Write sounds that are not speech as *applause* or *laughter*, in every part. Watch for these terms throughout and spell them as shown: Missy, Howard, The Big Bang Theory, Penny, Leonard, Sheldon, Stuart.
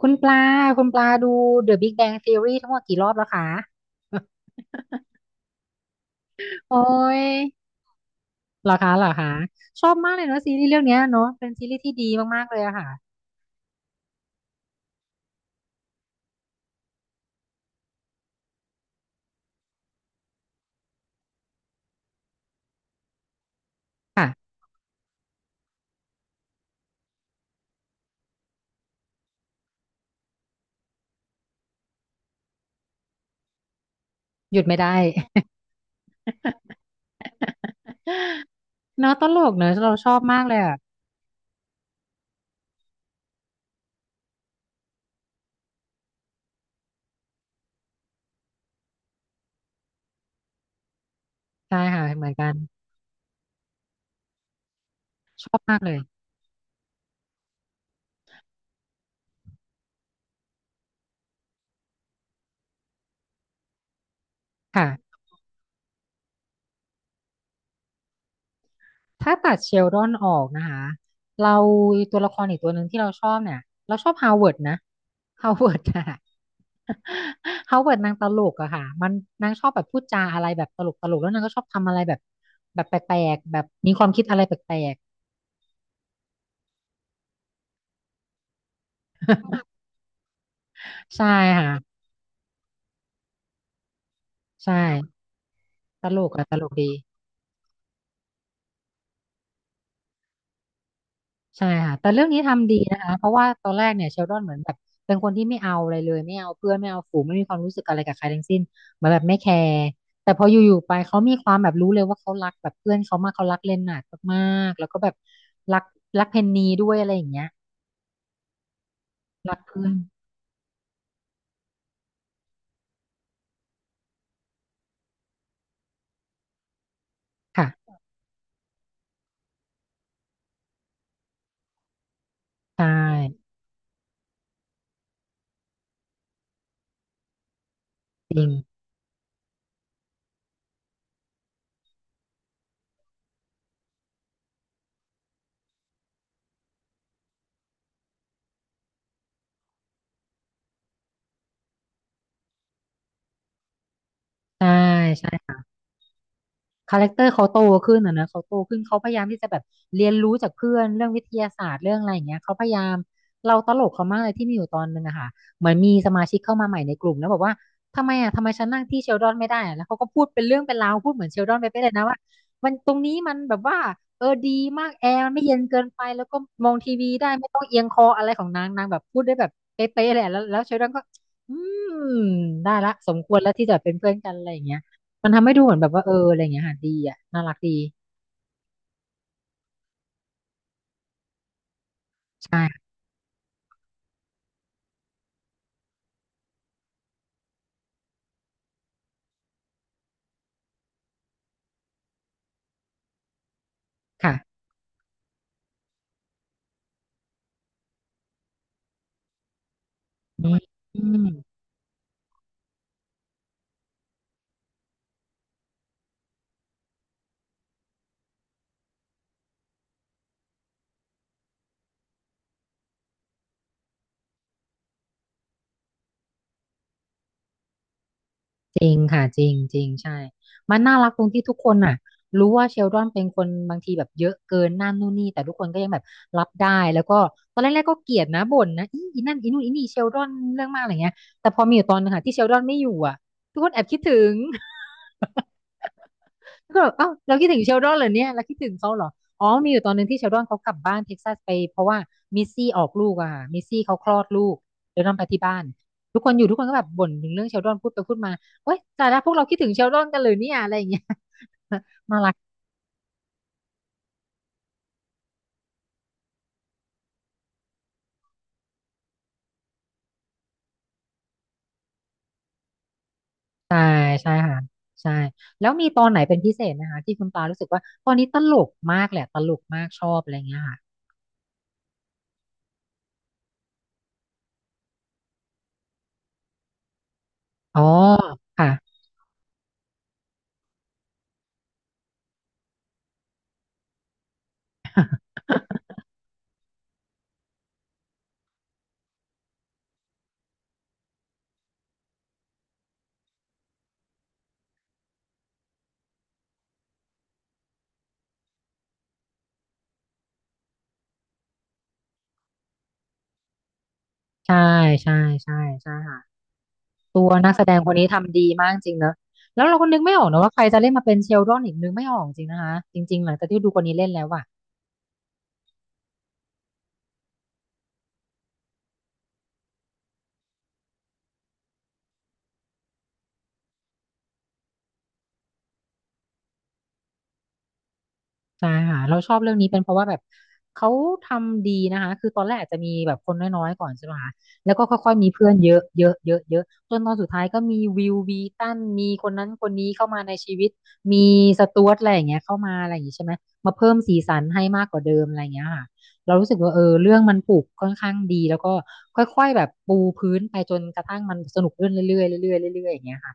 คุณปลาคุณปลาดู The Big Bang Theory ทั้งหมดกี่รอบแล้วคะ *laughs* โอ้ยเหรอคะเหรอคะชอบมากเลยเนาะซีรีส์เรื่องเนี้ยเนาะเป็นซีรีส์ที่ดีมากๆเลยอะค่ะค่ะหยุดไม่ได้ *laughs* เนาะตลกเนอะเราชอบมากเลยอะใช่ค่ะเหมือนกันชอบมากเลยค่ะ ถ้าตัดเชลดอนออกนะคะเราตัวละครอีกตัวหนึ่งที่เราชอบเนี่ยเราชอบฮาวเวิร์ดนะฮาวเวิร์ดอะ *laughs* ฮาวเวิร์ดนางตลกอะค่ะมันนางชอบแบบพูดจาอะไรแบบตลกตลกแล้วนางก็ชอบทำอะไรแบบแบบแปลกๆแบบมีความคิดอะไรแปลกๆใช่ค่ะใช่ตลกอะตลกดี ใช่ค่ะแต่เรื่องนี้ทำดีนะคะเพราะว่าตอนแรกเนี่ยเชลดอนเหมือนแบบเป็นคนที่ไม่เอาอะไรเลยไม่เอาเพื่อนไม่เอาฝูงไม่มีความรู้สึกอะไรกับใครทั้งสิ้นเหมือนแบบไม่แคร์แต่พออยู่ๆไปเขามีความแบบรู้เลยว่าเขารักแบบเพื่อนเขามากเขารักเลนนาร์ดมากๆแล้วก็แบบรักรักเพนนีด้วยอะไรอย่างเงี้ยรักเพื่อนค่ะใช่จริงใช่ใช่ คาแรคเตอร์เขาโตขึ้นอ่ะนะเขาโตขึ้นเขาพยายามที่จะแบบเรียนรู้จากเพื่อนเรื่องวิทยาศาสตร์เรื่องอะไรอย่างเงี้ยเขาพยายามเราตลกเขามากเลยที่มีอยู่ตอนนึงอะค่ะเหมือนมีสมาชิกเข้ามาใหม่ในกลุ่มแล้วบอกว่าทำไมอ่ะทำไมฉันนั่งที่เชลดอนไม่ได้อะแล้วเขาก็พูดเป็นเรื่องเป็นราวพูดเหมือนเชลดอนไปเลยนะว่ามันตรงนี้มันแบบว่าเออดีมากแอร์มันไม่เย็นเกินไปแล้วก็มองทีวีได้ไม่ต้องเอียงคออะไรของนางนางแบบพูดได้แบบเป๊ะๆเลยอะแล้วเชลดอนก็อืมได้ละสมควรแล้วที่จะเป็นเพื่อนกันอะไรอย่างเงี้ย มันทำให้ดูเหมือนแบบว่าเอออะไรอย่างเงี้ยค่ะดีอ่ะน่ารักดีใช่ค่ะอืมอืมจริงค่ะจริงจริงใช่ มันน่ารักตรงที่ทุกคนน่ะรู้ว่าเชลดอนเป็นคนบางทีแบบเยอะเกินนั่นนู่นนี่แต่ทุกคนก็ยังแบบรับได้แล้วก็ตอนแรกๆก็เกลียดนะบ่นนะอีนั่นอีนู่นอีนี่เชลดอนเรื่องมากอะไรเงี้ยแต่พอมีอยู่ตอนนึงค่ะที่เชลดอนไม่อยู่อ่ะทุกคนแอบคิดถึง แล้วก็แบบเอ้าเราคิดถึงเชลดอนเหรอเนี่ยเราคิดถึงเขาเหรออ๋อมีอยู่ตอนหนึงที่เชลดอนเขากลับบ้านเท็กซัสไปเพราะว่ามิสซี่ออกลูกอะค่ะมิสซี่เขาคลอดลูกเชลดอนไปที่บ้านทุกคนอยู่ทุกคนก็แบบบ่นถึงเรื่องเชลดอนพูดไปพูดมาเว้ยแต่ละพวกเราคิดถึงเชลดอนกันเลยเนี่ยอะไรอย่างเงี้ย *laughs* น่ารักใช่ใช่ค่ะใช่แล้วมีตอนไหนเป็นพิเศษนะคะที่คุณปารู้สึกว่าตอนนี้ตลกมากแหละตลกมากชอบอะไรอย่างเงี้ยค่ะอ๋อค่ะใช่ใช่ใช่ใช่ค่ะ ตัวนักแสดงคนนี้ทำดีมากจริงเนอะแล้วเราก็นึกไม่ออกนะว่าใครจะเล่นมาเป็นเชลดอนอีกนึกไม่ออกจริงนะคะจริงๆหลังจากที่ดูคนนี้เล่นแล้วอะ ใช่ค่ะเราชอบเรื่องนี้เป็นเพราะว่าแบบเขาทำดีนะคะคือตอนแรกอาจจะมีแบบคนน้อยๆก่อนใช่ไหมคะแล้วก็ค่อยๆมีเพื่อนเยอะเยอะเยอะเยอะจนตอนสุดท้ายก็มีวิววีตันมีคนนั้นคนนี้เข้ามาในชีวิตมีสจ๊วตดอะไรอย่างเงี้ยเข้ามาอะไรอย่างงี้ใช่ไหมมาเพิ่มสีสันให้มากกว่าเดิมอะไรอย่างเงี้ยค่ะเรารู้สึกว่าเออเรื่องมันปลูกค่อนข้างดีแล้วก็ค่อยๆแบบปูพื้นไปจนกระทั่งมันสนุกขึ้นเรื่อยๆเรื่อยๆเรื่อยๆอย่างเงี้ยค่ะ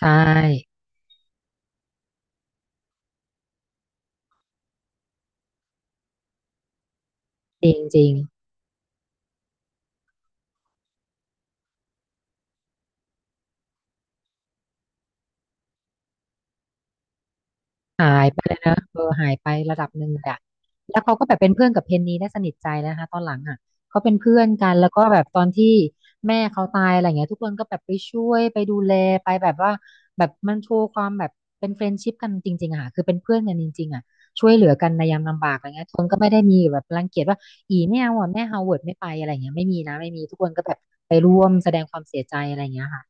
ใช่จริงจริง หายไปเลยนะหายไประดับหนึ่งเลยอะแล้วเขาก็แบบเป็นเพื่อนกับเพนนีได้สนิทใจนะคะตอนหลังอ่ะเขาเป็นเพื่อนกันแล้วก็แบบตอนที่แม่เขาตายอะไรเงี้ยทุกคนก็แบบไปช่วยไปดูแลไปแบบว่าแบบมันโชว์ความแบบเป็นเฟรนด์ชิพกันจริงๆอะค่ะคือเป็นเพื่อนกันจริงๆอ่ะช่วยเหลือกันในยามลำบากอะไรเงี้ยทุกคนก็ไม่ได้มีแบบรังเกียจว่าอีไม่เอาอะแม่ฮาวเวิร์ดไม่ไปอะไรเงี้ยไม่มีนะไม่มีทุกคนก็แบบไปร่วมแสดงความเสียใจอะไรเงี้ยค่ะ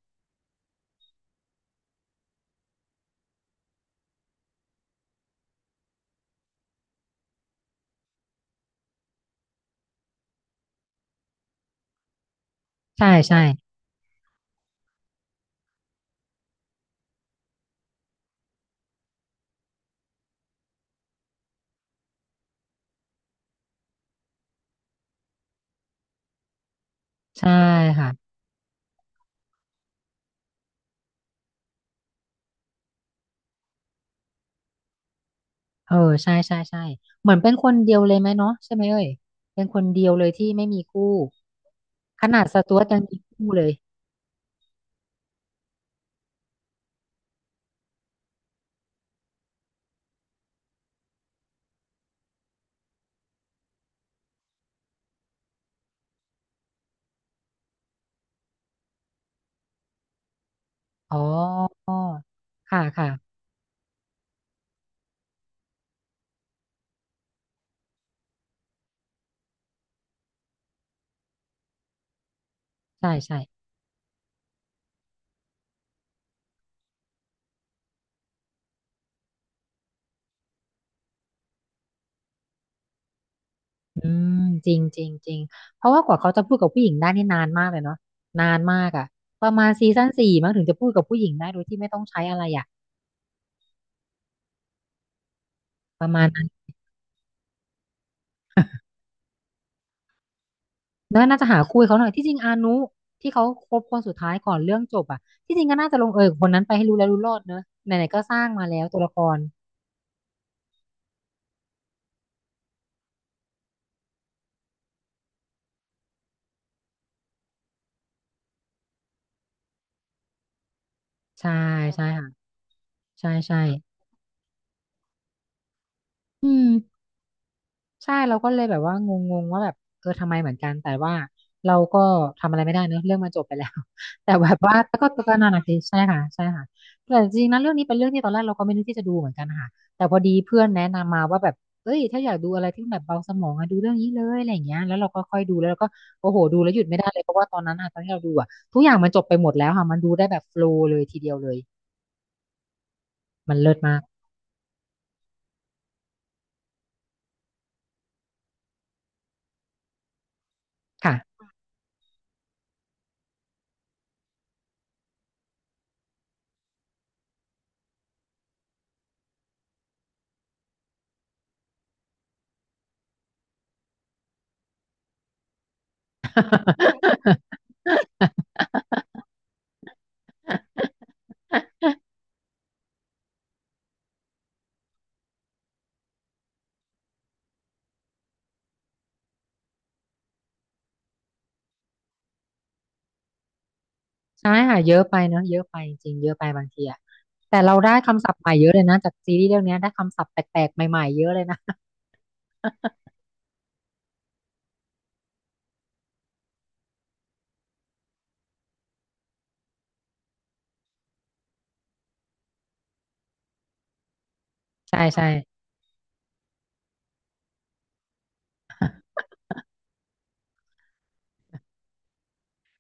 ใช่ใช่ใช่ค่ะ เออใช่ใช่ใช่เหมือนเป็นคนเดียวเลยไหมเนาะใช่ไหมเอ่ยเป็นคนเดียวเลยที่ไม่มีคู่ขนาดสจ๊วตยังมีคู่เลยอ๋อค่ะค่ะใช่ใช่อืมจริงจริงจริงเพราะว่ากว่าเขาจะพูดกับผู้หญิงได้นี่นานมากเลยเนาะนานมากอ่ะประมาณซีซั่น 4มั้งถึงจะพูดกับผู้หญิงได้โดยที่ไม่ต้องใช้อะไรอ่ะประมาณนั้นแล้วน่าจะหาคู่ให้เขาหน่อยที่จริงอานุที่เขาคบคนสุดท้ายก่อนเรื่องจบอ่ะที่จริงก็น่าจะลงเอยกับคนนั้นไปให้รู้แล้วรู้รอดเนอะไหนๆก็สร้างมาแล้วตัวละคร ใช่ใช่ค่ะใช่ใช่อืมใช่เราก็เลยแบบว่างงงว่าแบบทำไมเหมือนกันแต่ว่าเราก็ทำอะไรไม่ได้เนอะเรื่องมันจบไปแล้ว *laughs* แต่แบบว่าก็ก็นาหนักทีใช่ค่ะใช่ค่ะแต่จริงๆนะเรื่องนี้เป็นเรื่องที่ตอนแรกเราก็ไม่นึกที่จะดูเหมือนกันนะค่ะแต่พอดีเพื่อนแนะนำมาว่าแบบเอ้ยถ้าอยากดูอะไรที่มันแบบเบาสมองอะดูเรื่องนี้เลยอะไรอย่างเงี้ยแล้วเราก็ค่อยดูแล้วเราก็โอ้โหดูแล้วหยุดไม่ได้เลยเพราะว่าตอนนั้นอะตอนที่เราดูอะทุกอย่างมันจบไปหมดแล้วค่ะมันดูได้แบบโฟลว์เลยทีเดียวเลยมันเลิศมากค่ะ ใช่ค่ะเยอะไปเนาะเยอะไปจริงเยอะไปบางทีอะแต่เราได้คำศัพท์ใหม่เยอะเลยนะจากซีรีส์เรื่องเนี้ยได้คำศัพท์แปลกๆใหม่ๆเยอะเลยนะใช่ใช่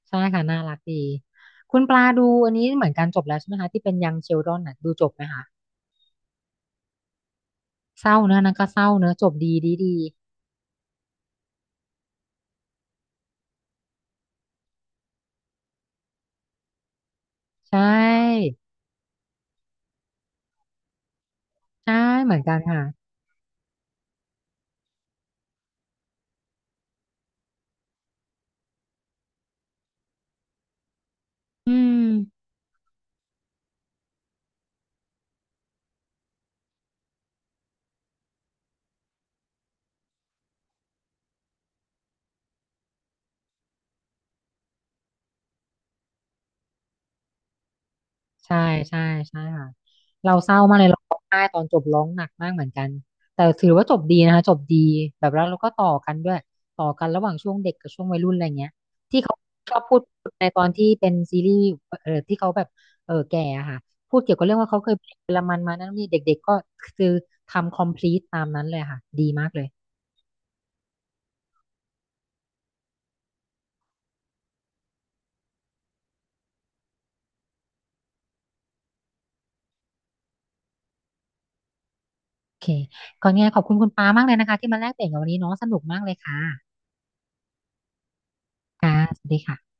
ใช่ค่ะน่ารักดีคุณปลาดูอันนี้เหมือนกันจบแล้วใช่ไหมคะที่เป็นยังเชลดอนน่ะดูจบไหมคะเศร้าเนอะนั่นก็เศร้าเนอะจบดีดีดีใช่ใช่เหมือนกันค่ะอืม ใช่ใช่ใช่ค่ะเราเศร้ามากเลยเราร้องไห้ตอนจบร้องหนักมากเหมือนกันแต่ถือว่าจบดีนะคะจบดีแบบแล้วเราก็ต่อกันด้วยต่อกันระหว่างช่วงเด็กกับช่วงวัยรุ่นอะไรเงี้ยที่เขาชอบพูดในตอนที่เป็นซีรีส์ที่เขาแบบแก่อะค่ะพูดเกี่ยวกับเรื่องว่าเขาเคยเป็นเยอรมันมานั่นนี่เด็กๆก็คือทำ complete ตามนั้นเลยค่ะดีมากเลยโอเคก่อนไงขอบคุณคุณปามากเลยนะคะที่มาแลกเปลี่ยนกันวันนี้เนาะสนุกมากเลยค่ะค่ะสวัสดีค่ะ